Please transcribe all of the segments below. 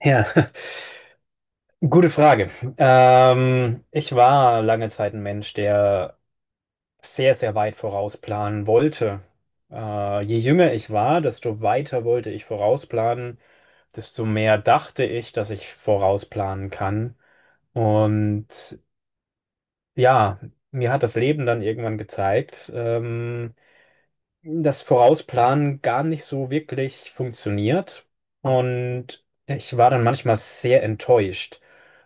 Ja, gute Frage. Ich war lange Zeit ein Mensch, der sehr, sehr weit vorausplanen wollte. Je jünger ich war, desto weiter wollte ich vorausplanen, desto mehr dachte ich, dass ich vorausplanen kann. Und ja, mir hat das Leben dann irgendwann gezeigt, das Vorausplanen gar nicht so wirklich funktioniert. Und ich war dann manchmal sehr enttäuscht,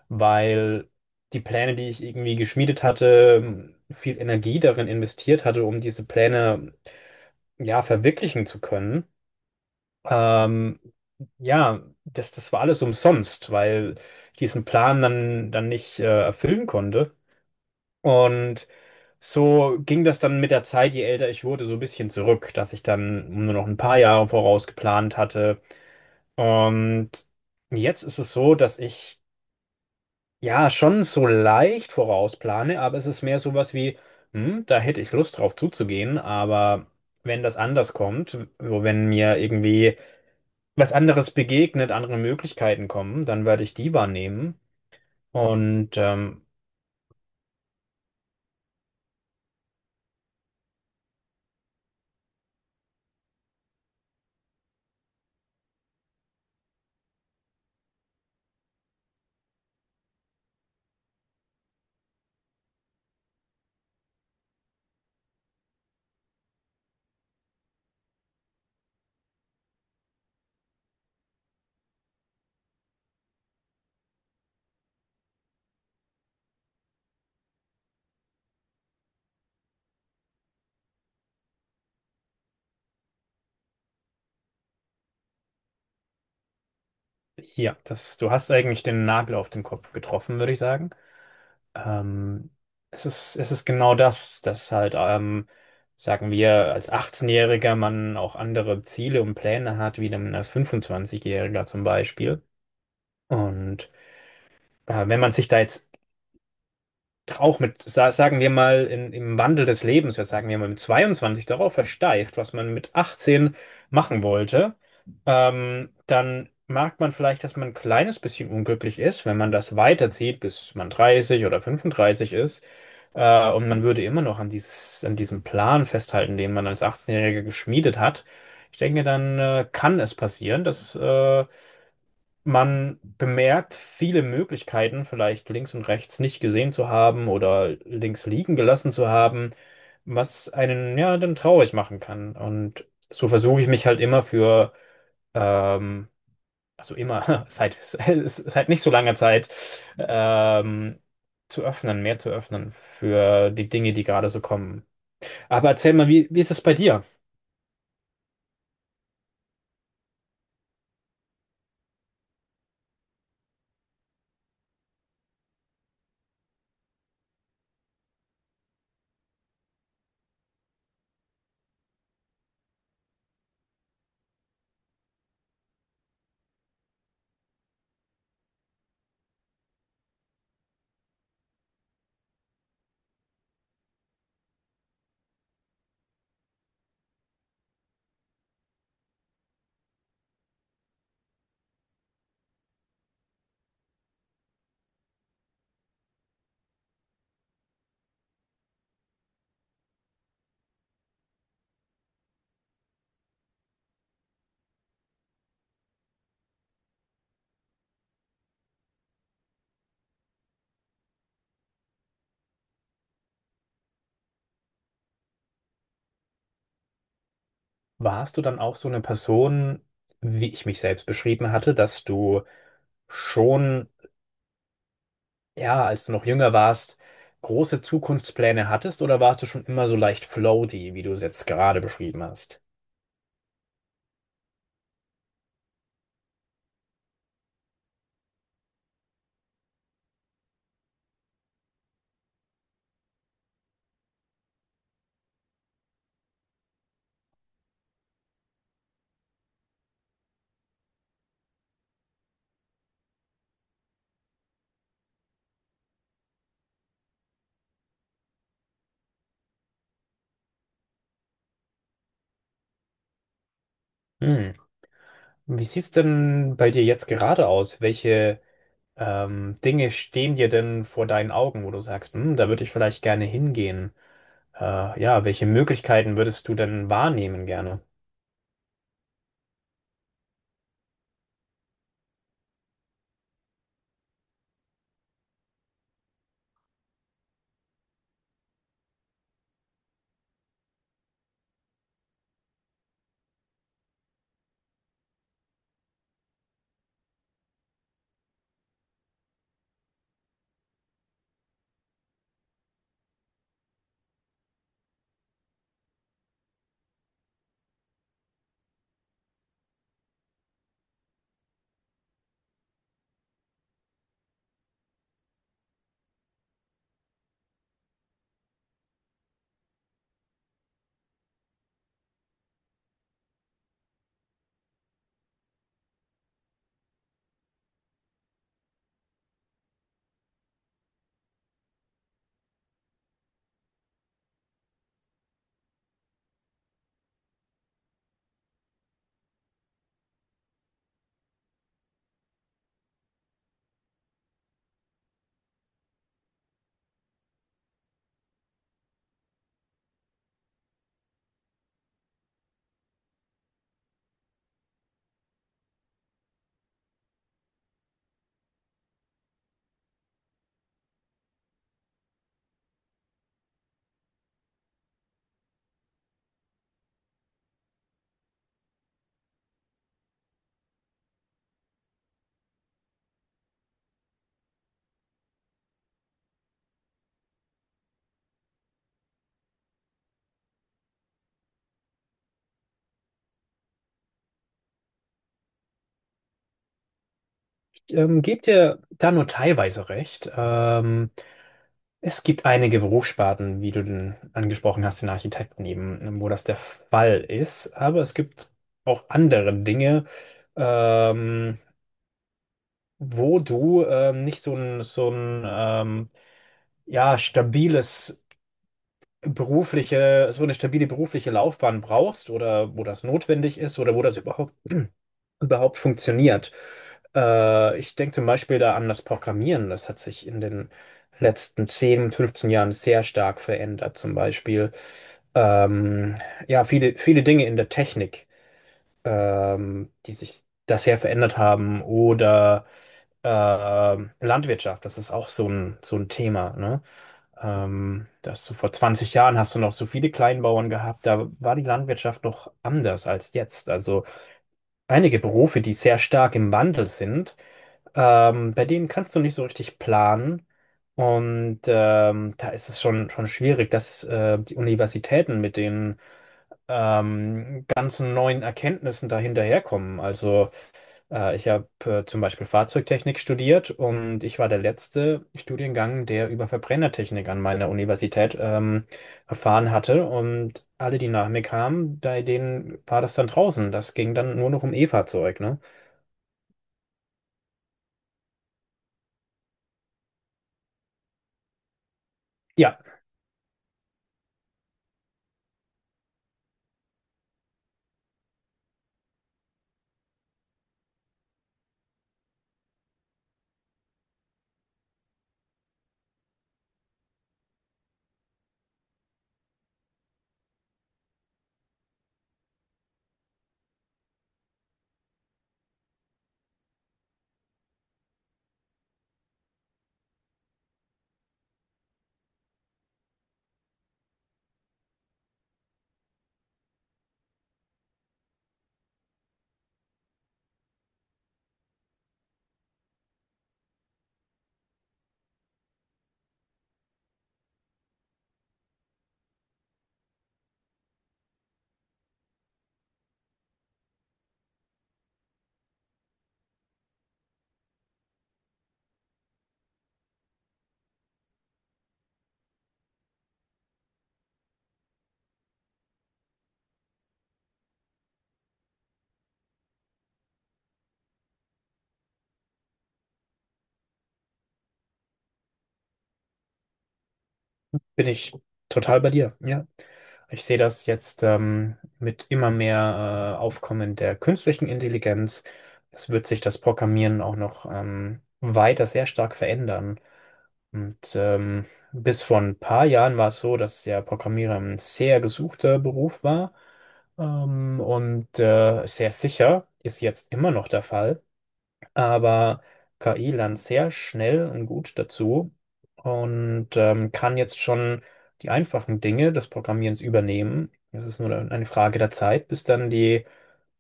weil die Pläne, die ich irgendwie geschmiedet hatte, viel Energie darin investiert hatte, um diese Pläne ja verwirklichen zu können. Ähm, ja, das war alles umsonst, weil ich diesen Plan dann nicht erfüllen konnte. Und so ging das dann mit der Zeit, je älter ich wurde, so ein bisschen zurück, dass ich dann nur noch ein paar Jahre voraus geplant hatte. Und jetzt ist es so, dass ich ja schon so leicht vorausplane, aber es ist mehr sowas wie, da hätte ich Lust drauf zuzugehen, aber wenn das anders kommt, wenn mir irgendwie was anderes begegnet, andere Möglichkeiten kommen, dann werde ich die wahrnehmen. Und ja, du hast eigentlich den Nagel auf den Kopf getroffen, würde ich sagen. Ähm, es ist, es ist genau das, dass halt, sagen wir, als 18-Jähriger man auch andere Ziele und Pläne hat, wie dann als 25-Jähriger zum Beispiel. Und wenn man sich da jetzt auch mit, sagen wir mal, im Wandel des Lebens, ja, sagen wir mal, mit 22 darauf versteift, was man mit 18 machen wollte, dann merkt man vielleicht, dass man ein kleines bisschen unglücklich ist, wenn man das weiterzieht, bis man 30 oder 35 ist. Und man würde immer noch an an diesem Plan festhalten, den man als 18-Jähriger geschmiedet hat. Ich denke, dann kann es passieren, dass man bemerkt viele Möglichkeiten, vielleicht links und rechts nicht gesehen zu haben oder links liegen gelassen zu haben, was einen ja dann traurig machen kann. Und so versuche ich mich halt ähm, also immer, seit nicht so langer Zeit, ähm, zu öffnen, mehr zu öffnen für die Dinge, die gerade so kommen. Aber erzähl mal, wie ist es bei dir? Warst du dann auch so eine Person, wie ich mich selbst beschrieben hatte, dass du schon ja, als du noch jünger warst, große Zukunftspläne hattest oder warst du schon immer so leicht floaty, wie du es jetzt gerade beschrieben hast? Hm. Wie sieht's denn bei dir jetzt gerade aus? Welche Dinge stehen dir denn vor deinen Augen, wo du sagst, hm, da würde ich vielleicht gerne hingehen? Ja, welche Möglichkeiten würdest du denn wahrnehmen gerne? Gebt dir da nur teilweise recht. Es gibt einige Berufssparten, wie du denn angesprochen hast, den Architekten eben, wo das der Fall ist. Aber es gibt auch andere Dinge, ähm, wo du nicht so ein, ja, stabiles berufliche, so eine stabile berufliche Laufbahn brauchst oder wo das notwendig ist oder wo das überhaupt, überhaupt funktioniert. Ich denke zum Beispiel da an das Programmieren. Das hat sich in den letzten 10, 15 Jahren sehr stark verändert. Zum Beispiel, ähm, ja, viele Dinge in der Technik, die sich da sehr verändert haben. Oder Landwirtschaft, das ist auch so ein Thema, ne? Dass du vor 20 Jahren hast du noch so viele Kleinbauern gehabt, da war die Landwirtschaft noch anders als jetzt. Also einige Berufe, die sehr stark im Wandel sind, bei denen kannst du nicht so richtig planen. Und da ist es schon schwierig, dass die Universitäten mit den ganzen neuen Erkenntnissen da hinterherkommen. Also ich habe zum Beispiel Fahrzeugtechnik studiert und ich war der letzte Studiengang, der über Verbrennertechnik an meiner Universität erfahren hatte. Und alle, die nach mir kamen, bei denen war das dann draußen. Das ging dann nur noch um E-Fahrzeug, ne? Ja, bin ich total bei dir, ja. Ich sehe das jetzt mit immer mehr Aufkommen der künstlichen Intelligenz. Es wird sich das Programmieren auch noch weiter sehr stark verändern. Und bis vor ein paar Jahren war es so, dass ja Programmierer ein sehr gesuchter Beruf war, und sehr sicher ist jetzt immer noch der Fall. Aber KI lernt sehr schnell und gut dazu und kann jetzt schon die einfachen Dinge des Programmierens übernehmen. Es ist nur eine Frage der Zeit, bis dann die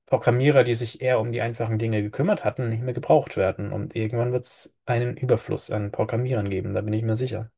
Programmierer, die sich eher um die einfachen Dinge gekümmert hatten, nicht mehr gebraucht werden. Und irgendwann wird es einen Überfluss an Programmierern geben, da bin ich mir sicher.